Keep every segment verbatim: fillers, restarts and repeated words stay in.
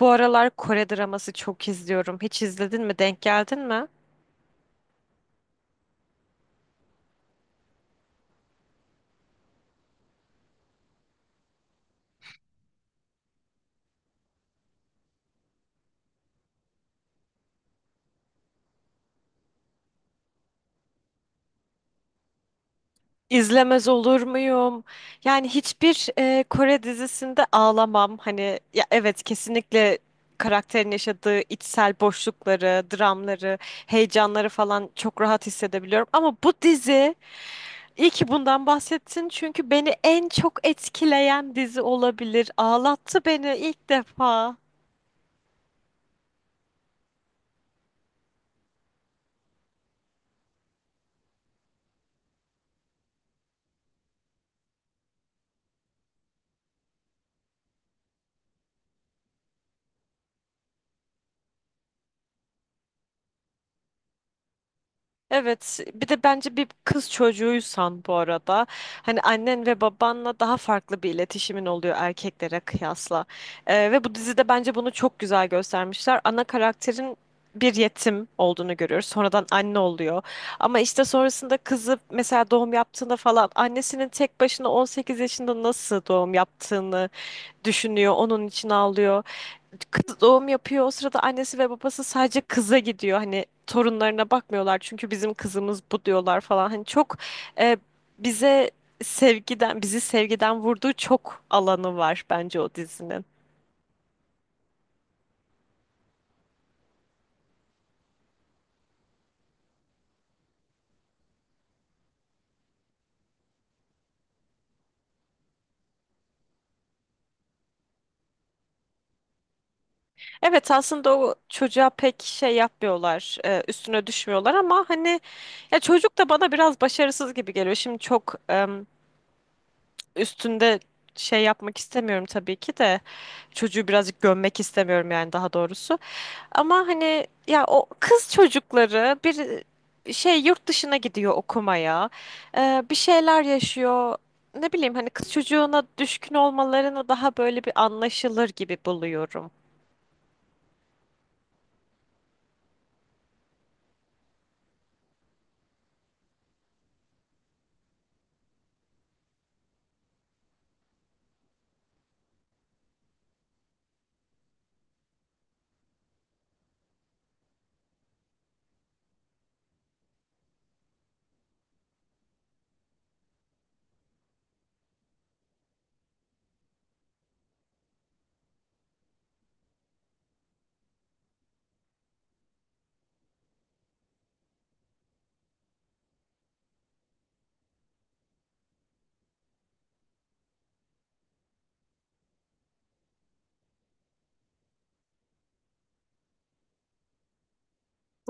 Bu aralar Kore draması çok izliyorum. Hiç izledin mi? Denk geldin mi? İzlemez olur muyum? Yani hiçbir e, Kore dizisinde ağlamam. Hani ya evet, kesinlikle karakterin yaşadığı içsel boşlukları, dramları, heyecanları falan çok rahat hissedebiliyorum. Ama bu dizi, iyi ki bundan bahsettin, çünkü beni en çok etkileyen dizi olabilir. Ağlattı beni ilk defa. Evet, bir de bence bir kız çocuğuysan, bu arada, hani annen ve babanla daha farklı bir iletişimin oluyor erkeklere kıyasla. Ee, ve bu dizide bence bunu çok güzel göstermişler. Ana karakterin bir yetim olduğunu görüyoruz. Sonradan anne oluyor. Ama işte sonrasında kızı mesela doğum yaptığında falan annesinin tek başına on sekiz yaşında nasıl doğum yaptığını düşünüyor. Onun için ağlıyor, kız doğum yapıyor. O sırada annesi ve babası sadece kıza gidiyor. Hani torunlarına bakmıyorlar, çünkü bizim kızımız bu diyorlar falan. Hani çok e, bize sevgiden, bizi sevgiden vurduğu çok alanı var bence o dizinin. Evet, aslında o çocuğa pek şey yapmıyorlar, e, üstüne düşmüyorlar, ama hani ya çocuk da bana biraz başarısız gibi geliyor. Şimdi çok em, üstünde şey yapmak istemiyorum tabii ki de, çocuğu birazcık gömmek istemiyorum yani, daha doğrusu. Ama hani ya o kız çocukları bir şey, yurt dışına gidiyor okumaya. Ee, bir şeyler yaşıyor. Ne bileyim, hani kız çocuğuna düşkün olmalarını daha böyle bir anlaşılır gibi buluyorum.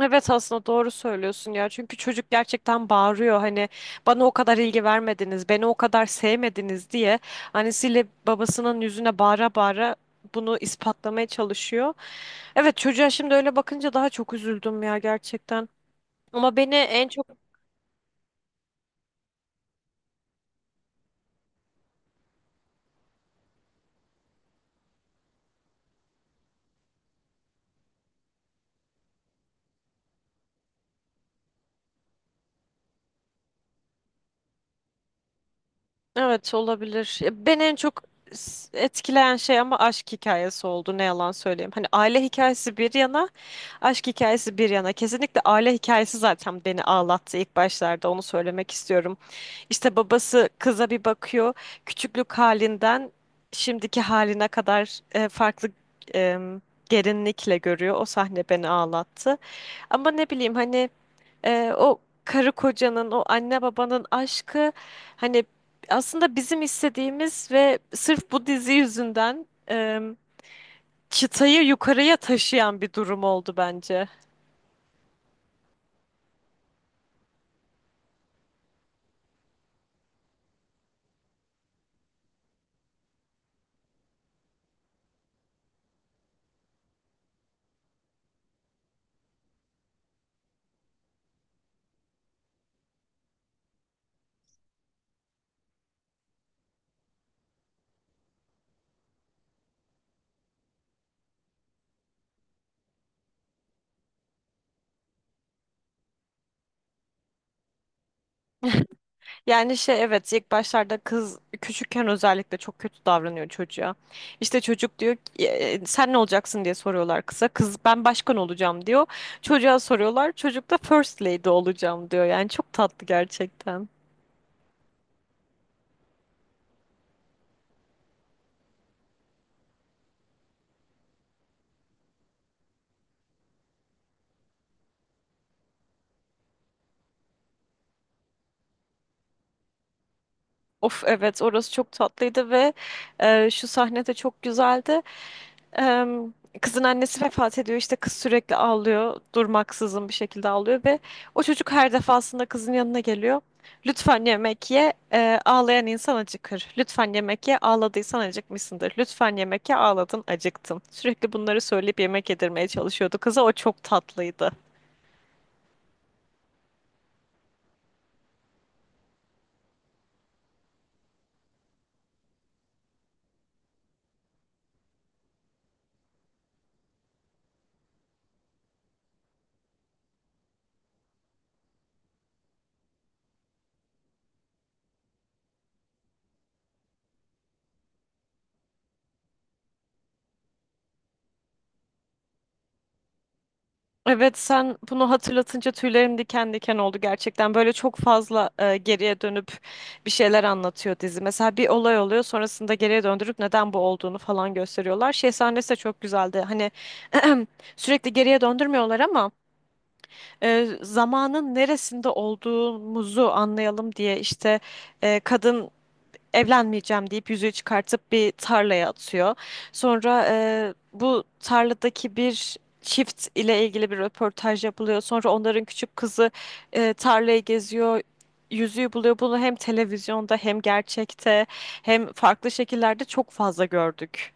Evet, aslında doğru söylüyorsun ya. Çünkü çocuk gerçekten bağırıyor, hani bana o kadar ilgi vermediniz, beni o kadar sevmediniz diye annesiyle babasının yüzüne bağıra bağıra bunu ispatlamaya çalışıyor. Evet, çocuğa şimdi öyle bakınca daha çok üzüldüm ya, gerçekten. Ama beni en çok evet olabilir. Ya, beni en çok s- etkileyen şey ama aşk hikayesi oldu, ne yalan söyleyeyim. Hani aile hikayesi bir yana, aşk hikayesi bir yana. Kesinlikle aile hikayesi zaten beni ağlattı ilk başlarda, onu söylemek istiyorum. İşte babası kıza bir bakıyor. Küçüklük halinden şimdiki haline kadar e, farklı e, derinlikle görüyor. O sahne beni ağlattı. Ama ne bileyim, hani Ee, o karı kocanın, o anne babanın aşkı, hani aslında bizim istediğimiz ve sırf bu dizi yüzünden e, çıtayı yukarıya taşıyan bir durum oldu bence. Yani şey, evet, ilk başlarda kız küçükken özellikle çok kötü davranıyor çocuğa. İşte çocuk diyor ki, "E, e, sen ne olacaksın diye soruyorlar kıza. Kız ben başkan olacağım diyor. Çocuğa soruyorlar. Çocuk da first lady olacağım diyor. Yani çok tatlı gerçekten. Of, evet, orası çok tatlıydı ve e, şu sahne de çok güzeldi. Em, Kızın annesi vefat ediyor, işte kız sürekli ağlıyor, durmaksızın bir şekilde ağlıyor ve o çocuk her defasında kızın yanına geliyor. Lütfen yemek ye, e, ağlayan insan acıkır. Lütfen yemek ye, ağladıysan acıkmışsındır. Lütfen yemek ye, ağladın acıktın. Sürekli bunları söyleyip yemek yedirmeye çalışıyordu kıza, o çok tatlıydı. Evet, sen bunu hatırlatınca tüylerim diken diken oldu gerçekten. Böyle çok fazla e, geriye dönüp bir şeyler anlatıyor dizi. Mesela bir olay oluyor, sonrasında geriye döndürüp neden bu olduğunu falan gösteriyorlar. Şey sahnesi de çok güzeldi. Hani sürekli geriye döndürmüyorlar, ama e, zamanın neresinde olduğumuzu anlayalım diye işte e, kadın evlenmeyeceğim deyip yüzüğü çıkartıp bir tarlaya atıyor. Sonra e, bu tarladaki bir çift ile ilgili bir röportaj yapılıyor. Sonra onların küçük kızı e, tarlayı geziyor. Yüzüğü buluyor. Bunu hem televizyonda, hem gerçekte, hem farklı şekillerde çok fazla gördük.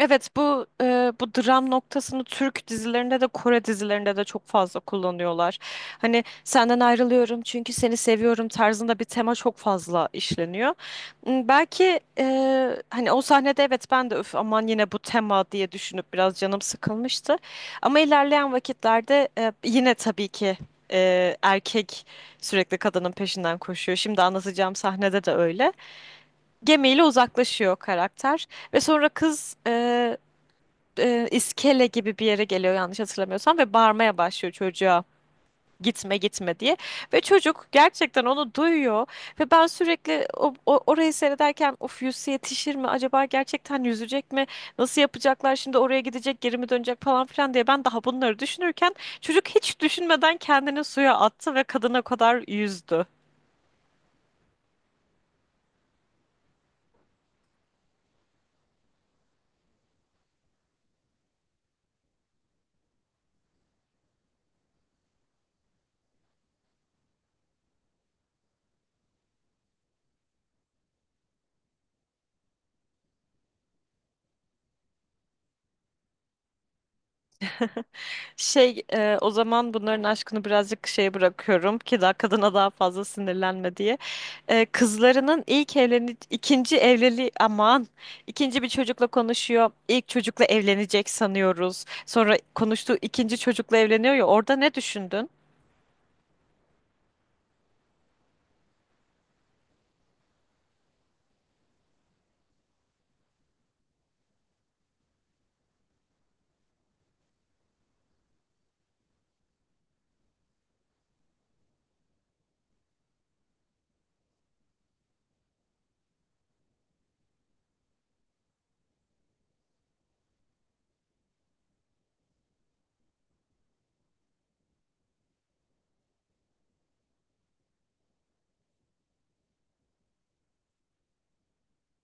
Evet, bu e, bu dram noktasını Türk dizilerinde de Kore dizilerinde de çok fazla kullanıyorlar. Hani senden ayrılıyorum çünkü seni seviyorum tarzında bir tema çok fazla işleniyor. M, Belki e, hani o sahnede evet ben de öf aman yine bu tema diye düşünüp biraz canım sıkılmıştı. Ama ilerleyen vakitlerde e, yine tabii ki e, erkek sürekli kadının peşinden koşuyor. Şimdi anlatacağım sahnede de öyle. Gemiyle uzaklaşıyor karakter. Ve sonra kız e, e, iskele gibi bir yere geliyor yanlış hatırlamıyorsam ve bağırmaya başlıyor çocuğa gitme gitme diye, ve çocuk gerçekten onu duyuyor ve ben sürekli o, o- orayı seyrederken of yüzse yetişir mi acaba, gerçekten yüzecek mi, nasıl yapacaklar şimdi, oraya gidecek, geri mi dönecek falan filan diye ben daha bunları düşünürken çocuk hiç düşünmeden kendini suya attı ve kadına kadar yüzdü. Şey, e, o zaman bunların aşkını birazcık şeye bırakıyorum ki daha kadına daha fazla sinirlenme diye. E, kızlarının ilk evleni ikinci evliliği, aman, ikinci bir çocukla konuşuyor. İlk çocukla evlenecek sanıyoruz. Sonra konuştuğu ikinci çocukla evleniyor ya, orada ne düşündün?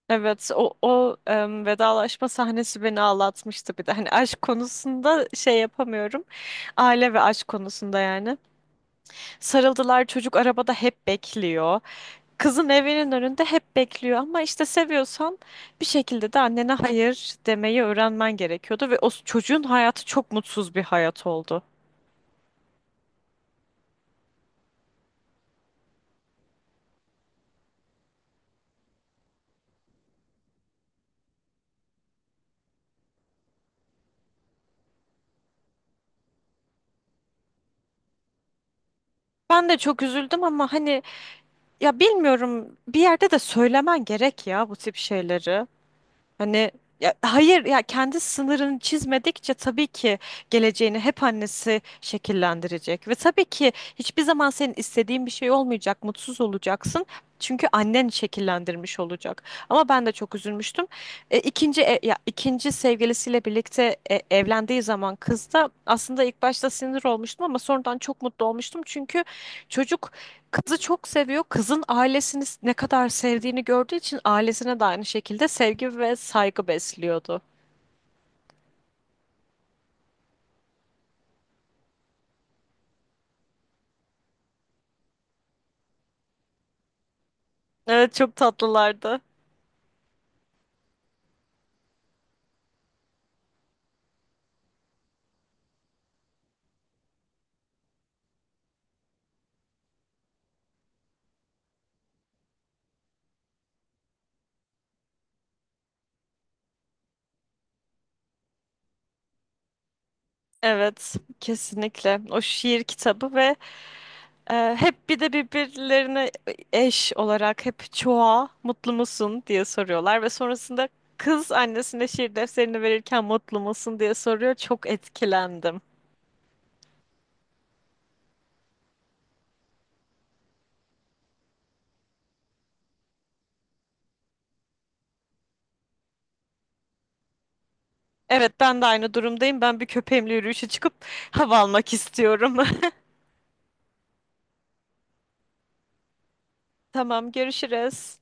Evet, o, o em, vedalaşma sahnesi beni ağlatmıştı bir de. Hani aşk konusunda şey yapamıyorum. Aile ve aşk konusunda yani. Sarıldılar, çocuk arabada hep bekliyor. Kızın evinin önünde hep bekliyor, ama işte seviyorsan bir şekilde de annene hayır demeyi öğrenmen gerekiyordu ve o s- çocuğun hayatı çok mutsuz bir hayat oldu. Ben de çok üzüldüm, ama hani ya bilmiyorum, bir yerde de söylemen gerek ya bu tip şeyleri. Hani ya, hayır ya, kendi sınırını çizmedikçe tabii ki geleceğini hep annesi şekillendirecek ve tabii ki hiçbir zaman senin istediğin bir şey olmayacak, mutsuz olacaksın. Çünkü annen şekillendirmiş olacak. Ama ben de çok üzülmüştüm. E, ikinci e- ya ikinci sevgilisiyle birlikte e, evlendiği zaman kız da, aslında ilk başta sinir olmuştum, ama sonradan çok mutlu olmuştum. Çünkü çocuk kızı çok seviyor. Kızın ailesini ne kadar sevdiğini gördüğü için ailesine de aynı şekilde sevgi ve saygı besliyordu. Evet, çok tatlılardı. Evet, kesinlikle. O şiir kitabı ve e, hep bir de birbirlerine e, eş olarak hep çoğa mutlu musun diye soruyorlar ve sonrasında kız annesine şiir defterini verirken mutlu musun diye soruyor. Çok etkilendim. Evet, ben de aynı durumdayım. Ben bir köpeğimle yürüyüşe çıkıp hava almak istiyorum. Tamam, görüşürüz.